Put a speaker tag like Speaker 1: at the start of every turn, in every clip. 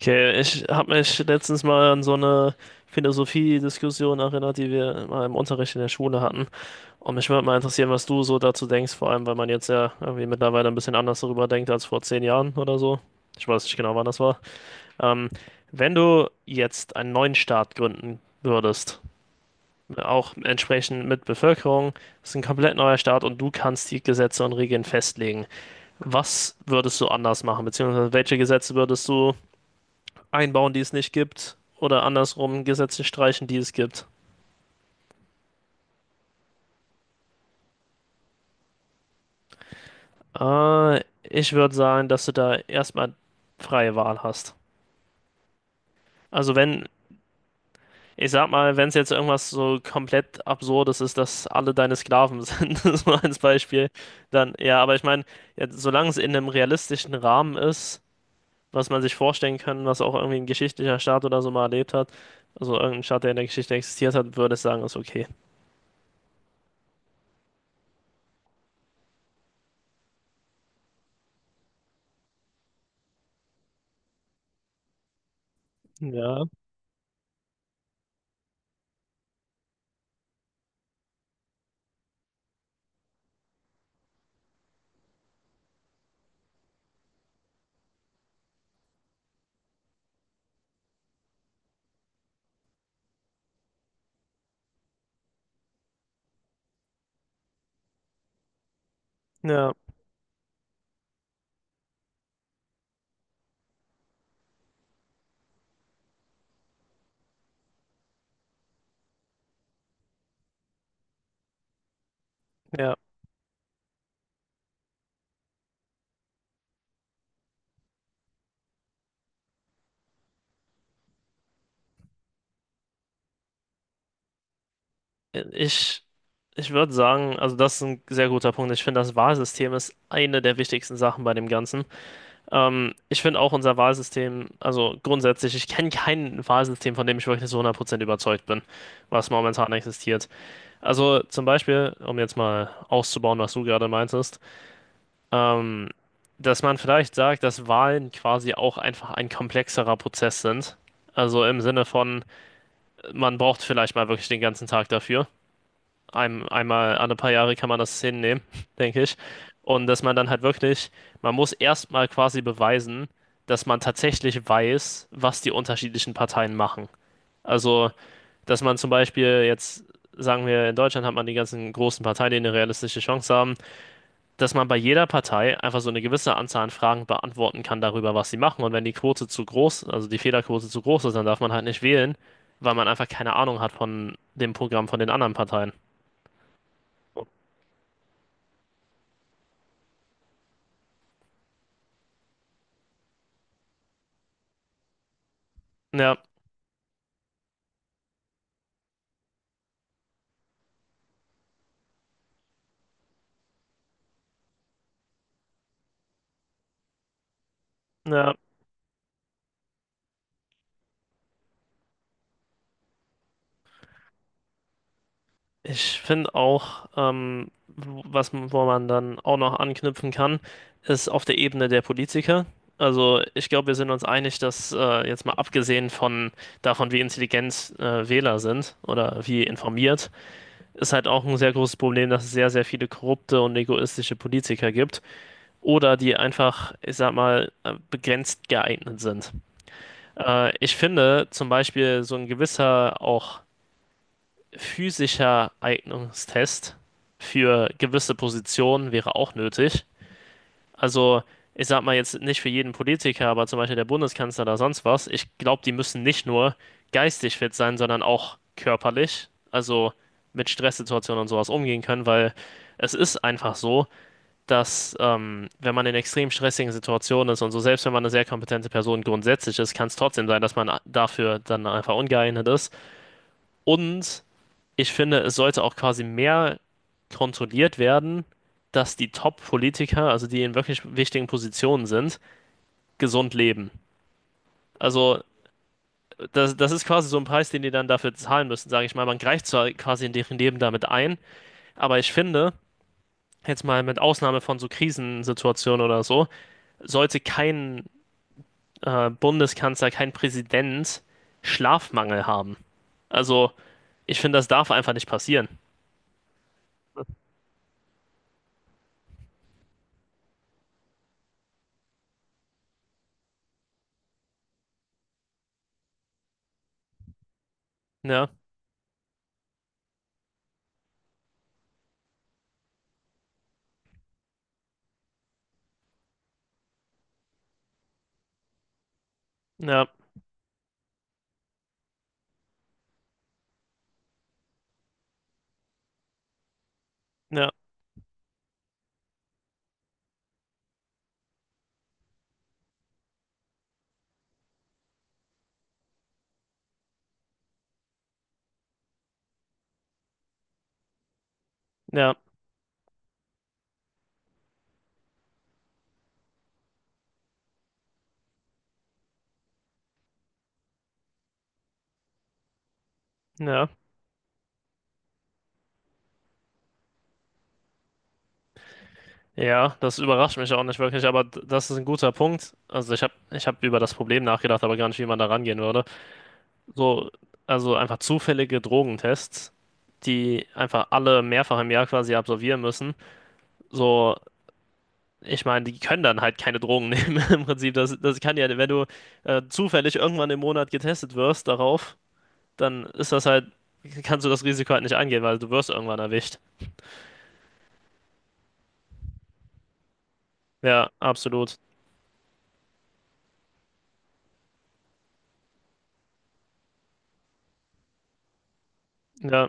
Speaker 1: Okay, ich habe mich letztens mal an so eine Philosophiediskussion erinnert, die wir mal im Unterricht in der Schule hatten. Und mich würde mal interessieren, was du so dazu denkst, vor allem, weil man jetzt ja irgendwie mittlerweile ein bisschen anders darüber denkt als vor 10 Jahren oder so. Ich weiß nicht genau, wann das war. Ähm, Wenn du jetzt einen neuen Staat gründen würdest, auch entsprechend mit Bevölkerung, das ist ein komplett neuer Staat und du kannst die Gesetze und Regeln festlegen. Was würdest du anders machen, beziehungsweise welche Gesetze würdest du einbauen, die es nicht gibt, oder andersrum Gesetze streichen, die es gibt. Ich würde sagen, dass du da erstmal freie Wahl hast. Also wenn, ich sag mal, wenn es jetzt irgendwas so komplett Absurdes ist, dass alle deine Sklaven sind, so als Beispiel, dann ja, aber ich meine, ja, solange es in einem realistischen Rahmen ist, was man sich vorstellen kann, was auch irgendwie ein geschichtlicher Staat oder so mal erlebt hat, also irgendein Staat, der in der Geschichte existiert hat, würde ich sagen, ist okay. Ja, ja, ja. Ich Ich würde sagen, also das ist ein sehr guter Punkt. Ich finde, das Wahlsystem ist eine der wichtigsten Sachen bei dem Ganzen. Ich finde auch unser Wahlsystem, also grundsätzlich, ich kenne kein Wahlsystem, von dem ich wirklich so 100% überzeugt bin, was momentan existiert. Also zum Beispiel, um jetzt mal auszubauen, was du gerade meintest, ähm, dass man vielleicht sagt, dass Wahlen quasi auch einfach ein komplexerer Prozess sind. Also im Sinne von, man braucht vielleicht mal wirklich den ganzen Tag dafür einmal alle paar Jahre kann man das hinnehmen, denke ich. Und dass man dann halt wirklich, man muss erstmal quasi beweisen, dass man tatsächlich weiß, was die unterschiedlichen Parteien machen. Also, dass man zum Beispiel jetzt, sagen wir, in Deutschland hat man die ganzen großen Parteien, die eine realistische Chance haben, dass man bei jeder Partei einfach so eine gewisse Anzahl an Fragen beantworten kann darüber, was sie machen. Und wenn die Quote zu groß, also die Fehlerquote zu groß ist, dann darf man halt nicht wählen, weil man einfach keine Ahnung hat von dem Programm von den anderen Parteien. Ja, ja. Ich finde auch, wo man dann auch noch anknüpfen kann, ist auf der Ebene der Politiker. Also ich glaube, wir sind uns einig, dass jetzt mal abgesehen von davon, wie intelligent Wähler sind oder wie informiert, ist halt auch ein sehr großes Problem, dass es sehr, sehr viele korrupte und egoistische Politiker gibt oder die einfach, ich sag mal, begrenzt geeignet sind. Ich finde zum Beispiel so ein gewisser auch physischer Eignungstest für gewisse Positionen wäre auch nötig. Also, ich sag mal jetzt nicht für jeden Politiker, aber zum Beispiel der Bundeskanzler oder sonst was. Ich glaube, die müssen nicht nur geistig fit sein, sondern auch körperlich. Also mit Stresssituationen und sowas umgehen können, weil es ist einfach so, dass wenn man in extrem stressigen Situationen ist und so, selbst wenn man eine sehr kompetente Person grundsätzlich ist, kann es trotzdem sein, dass man dafür dann einfach ungeeignet ist. Und ich finde, es sollte auch quasi mehr kontrolliert werden, dass die Top-Politiker, also die in wirklich wichtigen Positionen sind, gesund leben. Also das ist quasi so ein Preis, den die dann dafür zahlen müssen, sage ich mal. Man greift zwar quasi in deren Leben damit ein, aber ich finde, jetzt mal mit Ausnahme von so Krisensituationen oder so, sollte kein Bundeskanzler, kein Präsident Schlafmangel haben. Also ich finde, das darf einfach nicht passieren. Ja, ja, ja, ja, ja. Ja, das überrascht mich auch nicht wirklich, aber das ist ein guter Punkt. Also ich hab über das Problem nachgedacht, aber gar nicht, wie man da rangehen würde. So, also einfach zufällige Drogentests, die einfach alle mehrfach im Jahr quasi absolvieren müssen. So, ich meine, die können dann halt keine Drogen nehmen im Prinzip. Das kann ja, wenn du zufällig irgendwann im Monat getestet wirst darauf, dann ist das halt, kannst du das Risiko halt nicht angehen, weil du wirst irgendwann erwischt. Ja, absolut. Ja,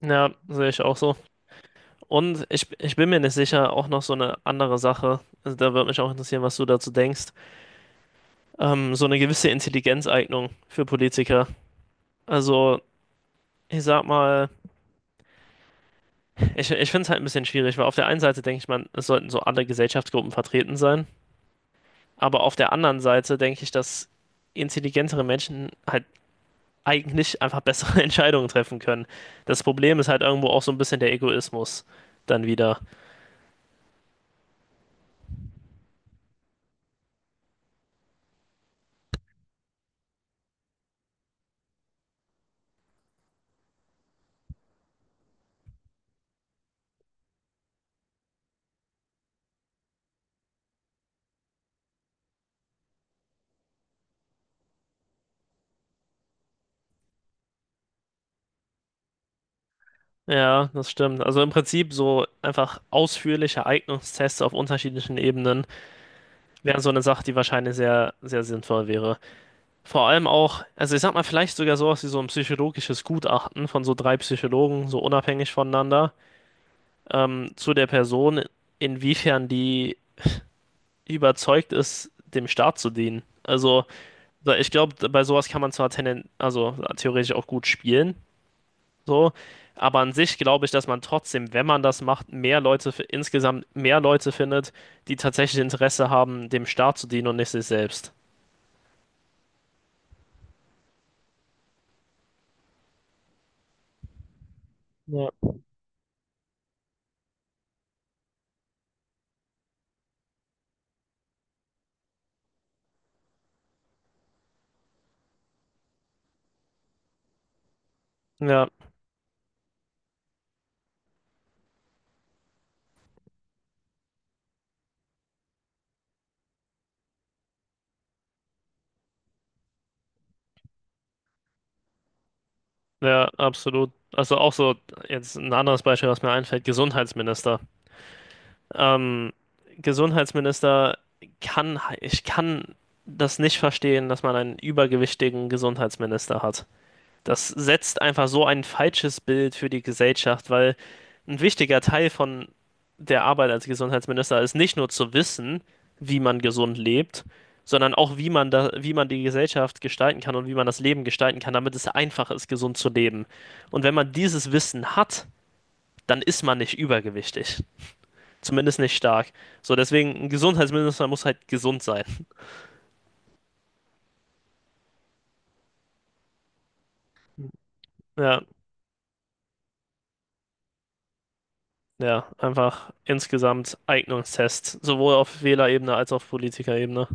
Speaker 1: ja, sehe ich auch so. Und ich bin mir nicht sicher, auch noch so eine andere Sache, also da würde mich auch interessieren, was du dazu denkst, so eine gewisse Intelligenzeignung für Politiker. Also ich sag mal, ich finde es halt ein bisschen schwierig, weil auf der einen Seite denke ich, man, es sollten so alle Gesellschaftsgruppen vertreten sein, aber auf der anderen Seite denke ich, dass intelligentere Menschen halt eigentlich einfach bessere Entscheidungen treffen können. Das Problem ist halt irgendwo auch so ein bisschen der Egoismus dann wieder. Ja, das stimmt. Also im Prinzip so einfach ausführliche Eignungstests auf unterschiedlichen Ebenen wären so eine Sache, die wahrscheinlich sehr, sehr sinnvoll wäre. Vor allem auch, also ich sag mal, vielleicht sogar sowas wie so ein psychologisches Gutachten von so drei Psychologen, so unabhängig voneinander, zu der Person, inwiefern die überzeugt ist, dem Staat zu dienen. Also ich glaube, bei sowas kann man zwar also theoretisch auch gut spielen, so, aber an sich glaube ich, dass man trotzdem, wenn man das macht, mehr Leute insgesamt mehr Leute findet, die tatsächlich Interesse haben, dem Staat zu dienen und nicht sich selbst. Ja. Ja, ja, absolut. Also auch so, jetzt ein anderes Beispiel, was mir einfällt, Gesundheitsminister. Ähm, Gesundheitsminister kann, ich kann das nicht verstehen, dass man einen übergewichtigen Gesundheitsminister hat. Das setzt einfach so ein falsches Bild für die Gesellschaft, weil ein wichtiger Teil von der Arbeit als Gesundheitsminister ist nicht nur zu wissen, wie man gesund lebt, sondern auch, wie man da, wie man die Gesellschaft gestalten kann und wie man das Leben gestalten kann, damit es einfach ist, gesund zu leben. Und wenn man dieses Wissen hat, dann ist man nicht übergewichtig. Zumindest nicht stark. So, deswegen, ein Gesundheitsminister muss halt gesund sein. Ja, ja, einfach insgesamt Eignungstest, sowohl auf Wählerebene als auch auf Politikerebene.